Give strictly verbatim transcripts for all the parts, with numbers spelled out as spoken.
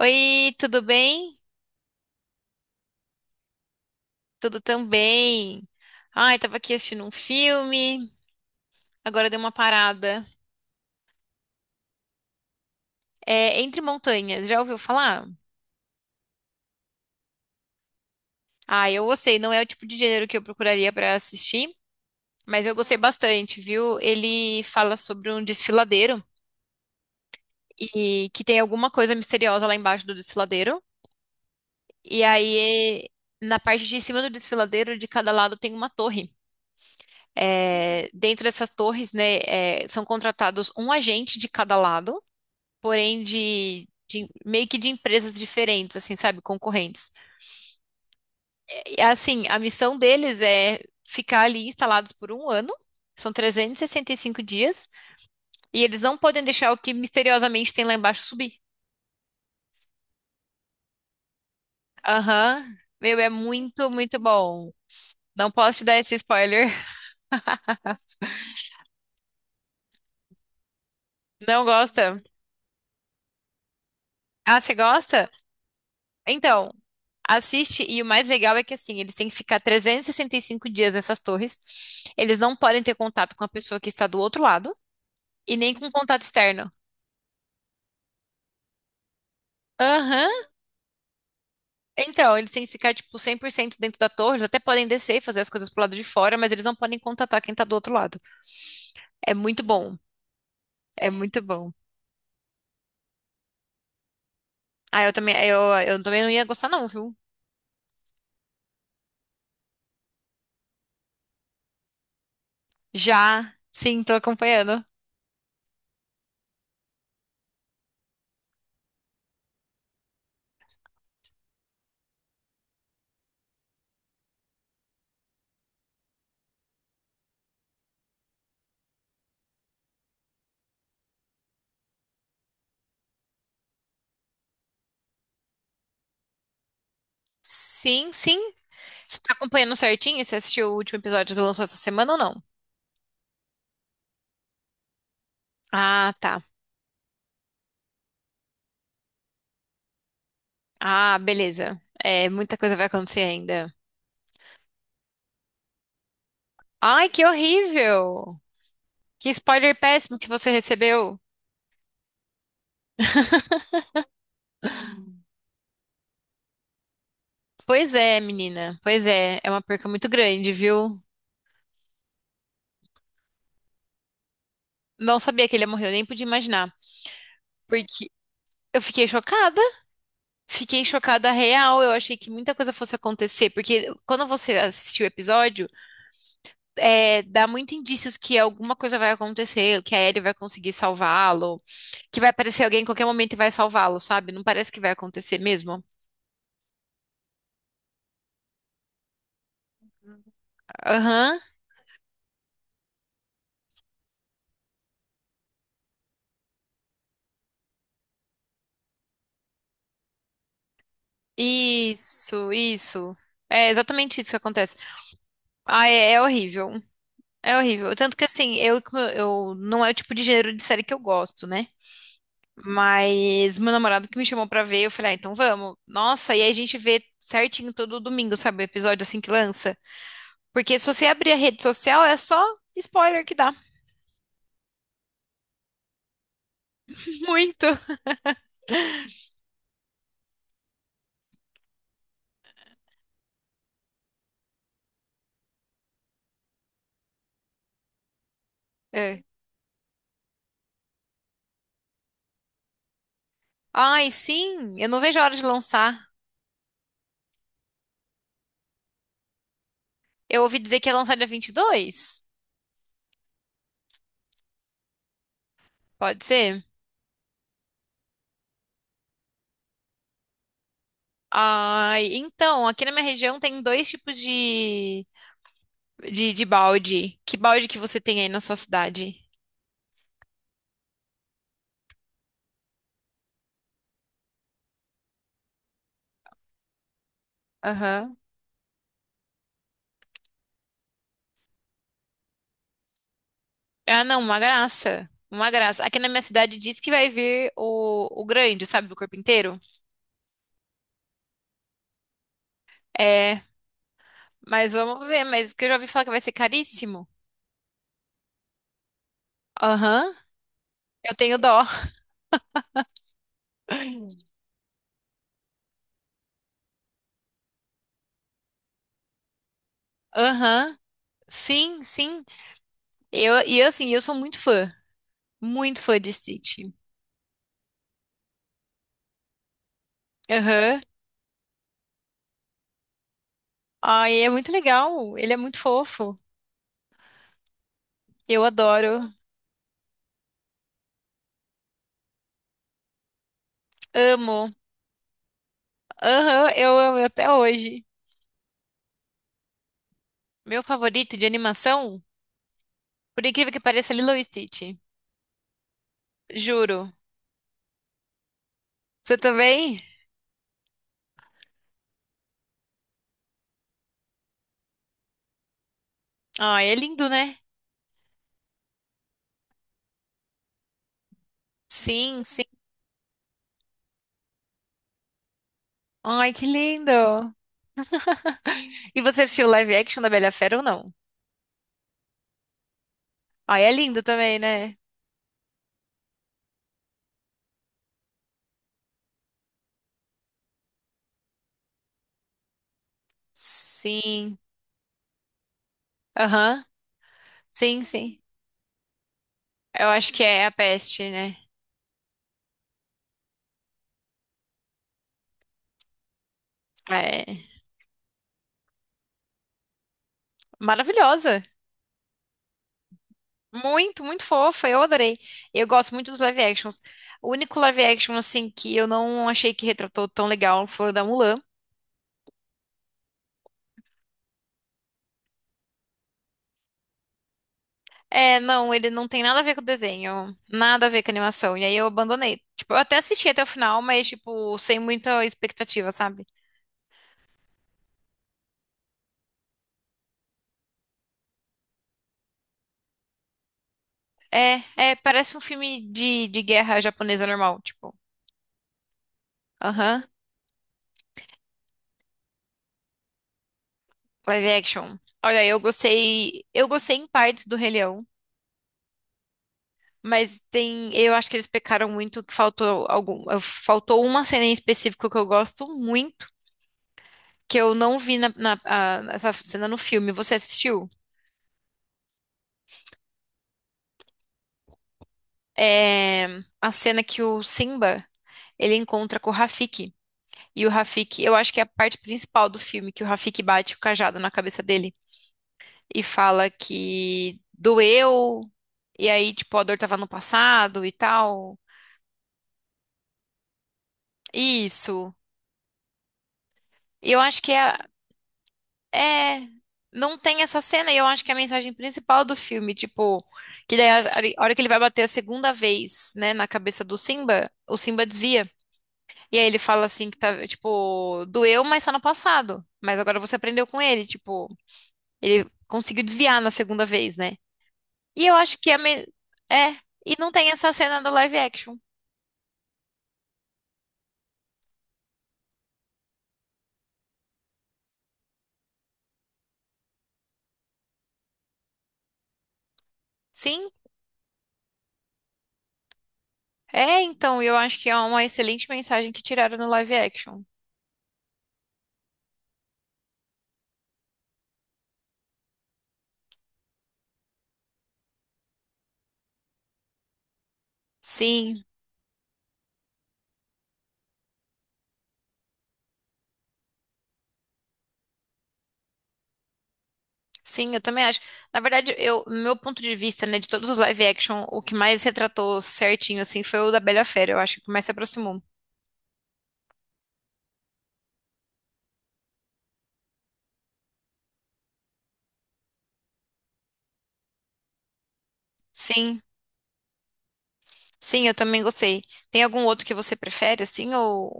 Oi, tudo bem? Tudo também. Ai, tava aqui assistindo um filme, agora deu uma parada. É Entre Montanhas, já ouviu falar? Ah, eu gostei, não é o tipo de gênero que eu procuraria pra assistir, mas eu gostei bastante, viu? Ele fala sobre um desfiladeiro e que tem alguma coisa misteriosa lá embaixo do desfiladeiro. E aí, na parte de cima do desfiladeiro, de cada lado tem uma torre. É, dentro dessas torres, né, é, são contratados um agente de cada lado. Porém de, de- meio que de empresas diferentes, assim, sabe, concorrentes. E, assim, a missão deles é ficar ali instalados por um ano, são trezentos e e sessenta e cinco dias, e eles não podem deixar o que misteriosamente tem lá embaixo subir. Aham. Meu, é muito, muito bom. Não posso te dar esse spoiler. Não gosta? Ah, você gosta? Então, assiste, e o mais legal é que, assim, eles têm que ficar trezentos e e sessenta e cinco dias nessas torres, eles não podem ter contato com a pessoa que está do outro lado, e nem com contato externo. Aham. Então, eles têm que ficar, tipo, cem por cento dentro da torre. Eles até podem descer e fazer as coisas pro lado de fora, mas eles não podem contatar quem tá do outro lado. É muito bom. É muito bom. Ah, eu também, eu, eu também não ia gostar, não, viu? Já. Sim, tô acompanhando. Sim, sim. Você tá acompanhando certinho? Você assistiu o último episódio que lançou essa semana ou não? Ah, tá. Ah, beleza. É, muita coisa vai acontecer ainda. Ai, que horrível! Que spoiler péssimo que você recebeu. Pois é, menina. Pois é, é uma perca muito grande, viu? Não sabia que ele morreu, nem podia imaginar. Porque eu fiquei chocada. Fiquei chocada real. Eu achei que muita coisa fosse acontecer. Porque quando você assistiu o episódio, é, dá muito indícios que alguma coisa vai acontecer, que a Ellie vai conseguir salvá-lo, que vai aparecer alguém em qualquer momento e vai salvá-lo, sabe? Não parece que vai acontecer mesmo. Aham. Isso, isso. É exatamente isso que acontece. Ah, é é horrível. É horrível. Tanto que assim, eu, eu não é o tipo de gênero de série que eu gosto, né? Mas meu namorado que me chamou pra ver, eu falei, ah, então vamos. Nossa, e aí a gente vê certinho todo domingo, sabe? O episódio assim que lança. Porque se você abrir a rede social, é só spoiler que dá. Muito. É. Ai, sim, eu não vejo a hora de lançar. Eu ouvi dizer que ia lançar dia vinte e dois. Pode ser? Ai, então, aqui na minha região tem dois tipos de, de, de balde. Que balde que você tem aí na sua cidade? Aham. Ah, não, uma graça. Uma graça. Aqui na minha cidade diz que vai vir o, o grande, sabe, do corpo inteiro. É, mas vamos ver, mas que eu já ouvi falar que vai ser caríssimo. Aham. Eu tenho dó. Aham. Sim, sim. Eu, e eu, assim, eu sou muito fã. Muito fã de Stitch. Aham. Ai, é muito legal. Ele é muito fofo. Eu adoro. Amo. Aham, eu amo até hoje. Meu favorito de animação, por incrível que pareça, é Lilo e Stitch. Juro. Você também? Ai, é lindo, né? Sim, sim. Ai, que lindo. E você assistiu o live action da Bela Fera ou não? Ai, é lindo também, né? Sim. Aham. Sim, sim. Eu acho que é a peste, né? É maravilhosa. Muito, muito fofa. Eu adorei. Eu gosto muito dos live actions. O único live action, assim, que eu não achei que retratou tão legal foi o da Mulan. É, não, ele não tem nada a ver com o desenho, nada a ver com a animação. E aí eu abandonei. Tipo, eu até assisti até o final, mas, tipo, sem muita expectativa, sabe? É, é, parece um filme de, de guerra japonesa normal, tipo. Aham, live action. Olha, eu gostei, eu gostei em partes do Rei Leão, mas tem, eu acho que eles pecaram muito, que faltou algum, faltou uma cena em específico que eu gosto muito, que eu não vi na, na- a- essa cena no filme. Você assistiu? É a cena que o Simba ele encontra com o Rafiki. E o Rafiki, eu acho que é a parte principal do filme, que o Rafiki bate o cajado na cabeça dele e fala que doeu, e aí, tipo, a dor tava no passado e tal. Isso. E eu acho que é, é. Não tem essa cena, e eu acho que é a mensagem principal do filme, tipo, que daí a a hora que ele vai bater a segunda vez, né, na cabeça do Simba, o Simba desvia. E aí ele fala assim que tá, tipo, doeu, mas tá no passado. Mas agora você aprendeu com ele, tipo. Ele conseguiu desviar na segunda vez, né? E eu acho que a me... é, e não tem essa cena do live action. Sim, é, então, eu acho que é uma excelente mensagem que tiraram no live action. Sim, sim, eu também acho. Na verdade, eu, no meu ponto de vista, né, de todos os live action, o que mais retratou certinho assim foi o da Bela e a Fera, eu acho que mais se aproximou. Sim, sim, eu também gostei. Tem algum outro que você prefere assim ou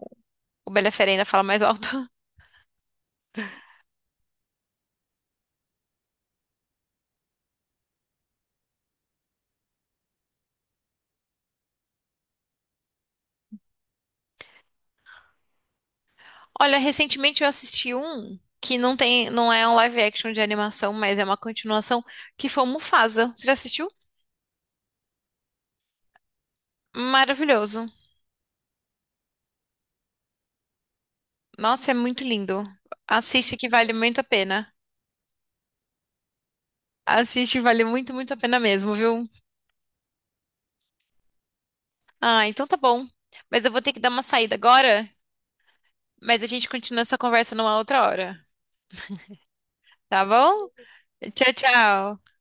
o Bela e a Fera ainda fala mais alto? Olha, recentemente eu assisti um que não tem, não é um live action de animação, mas é uma continuação, que foi o Mufasa. Você já assistiu? Maravilhoso. Nossa, é muito lindo. Assiste que vale muito a pena. Assiste, vale muito, muito a pena mesmo, viu? Ah, então tá bom. Mas eu vou ter que dar uma saída agora, mas a gente continua essa conversa numa outra hora, tá bom? Tchau, tchau.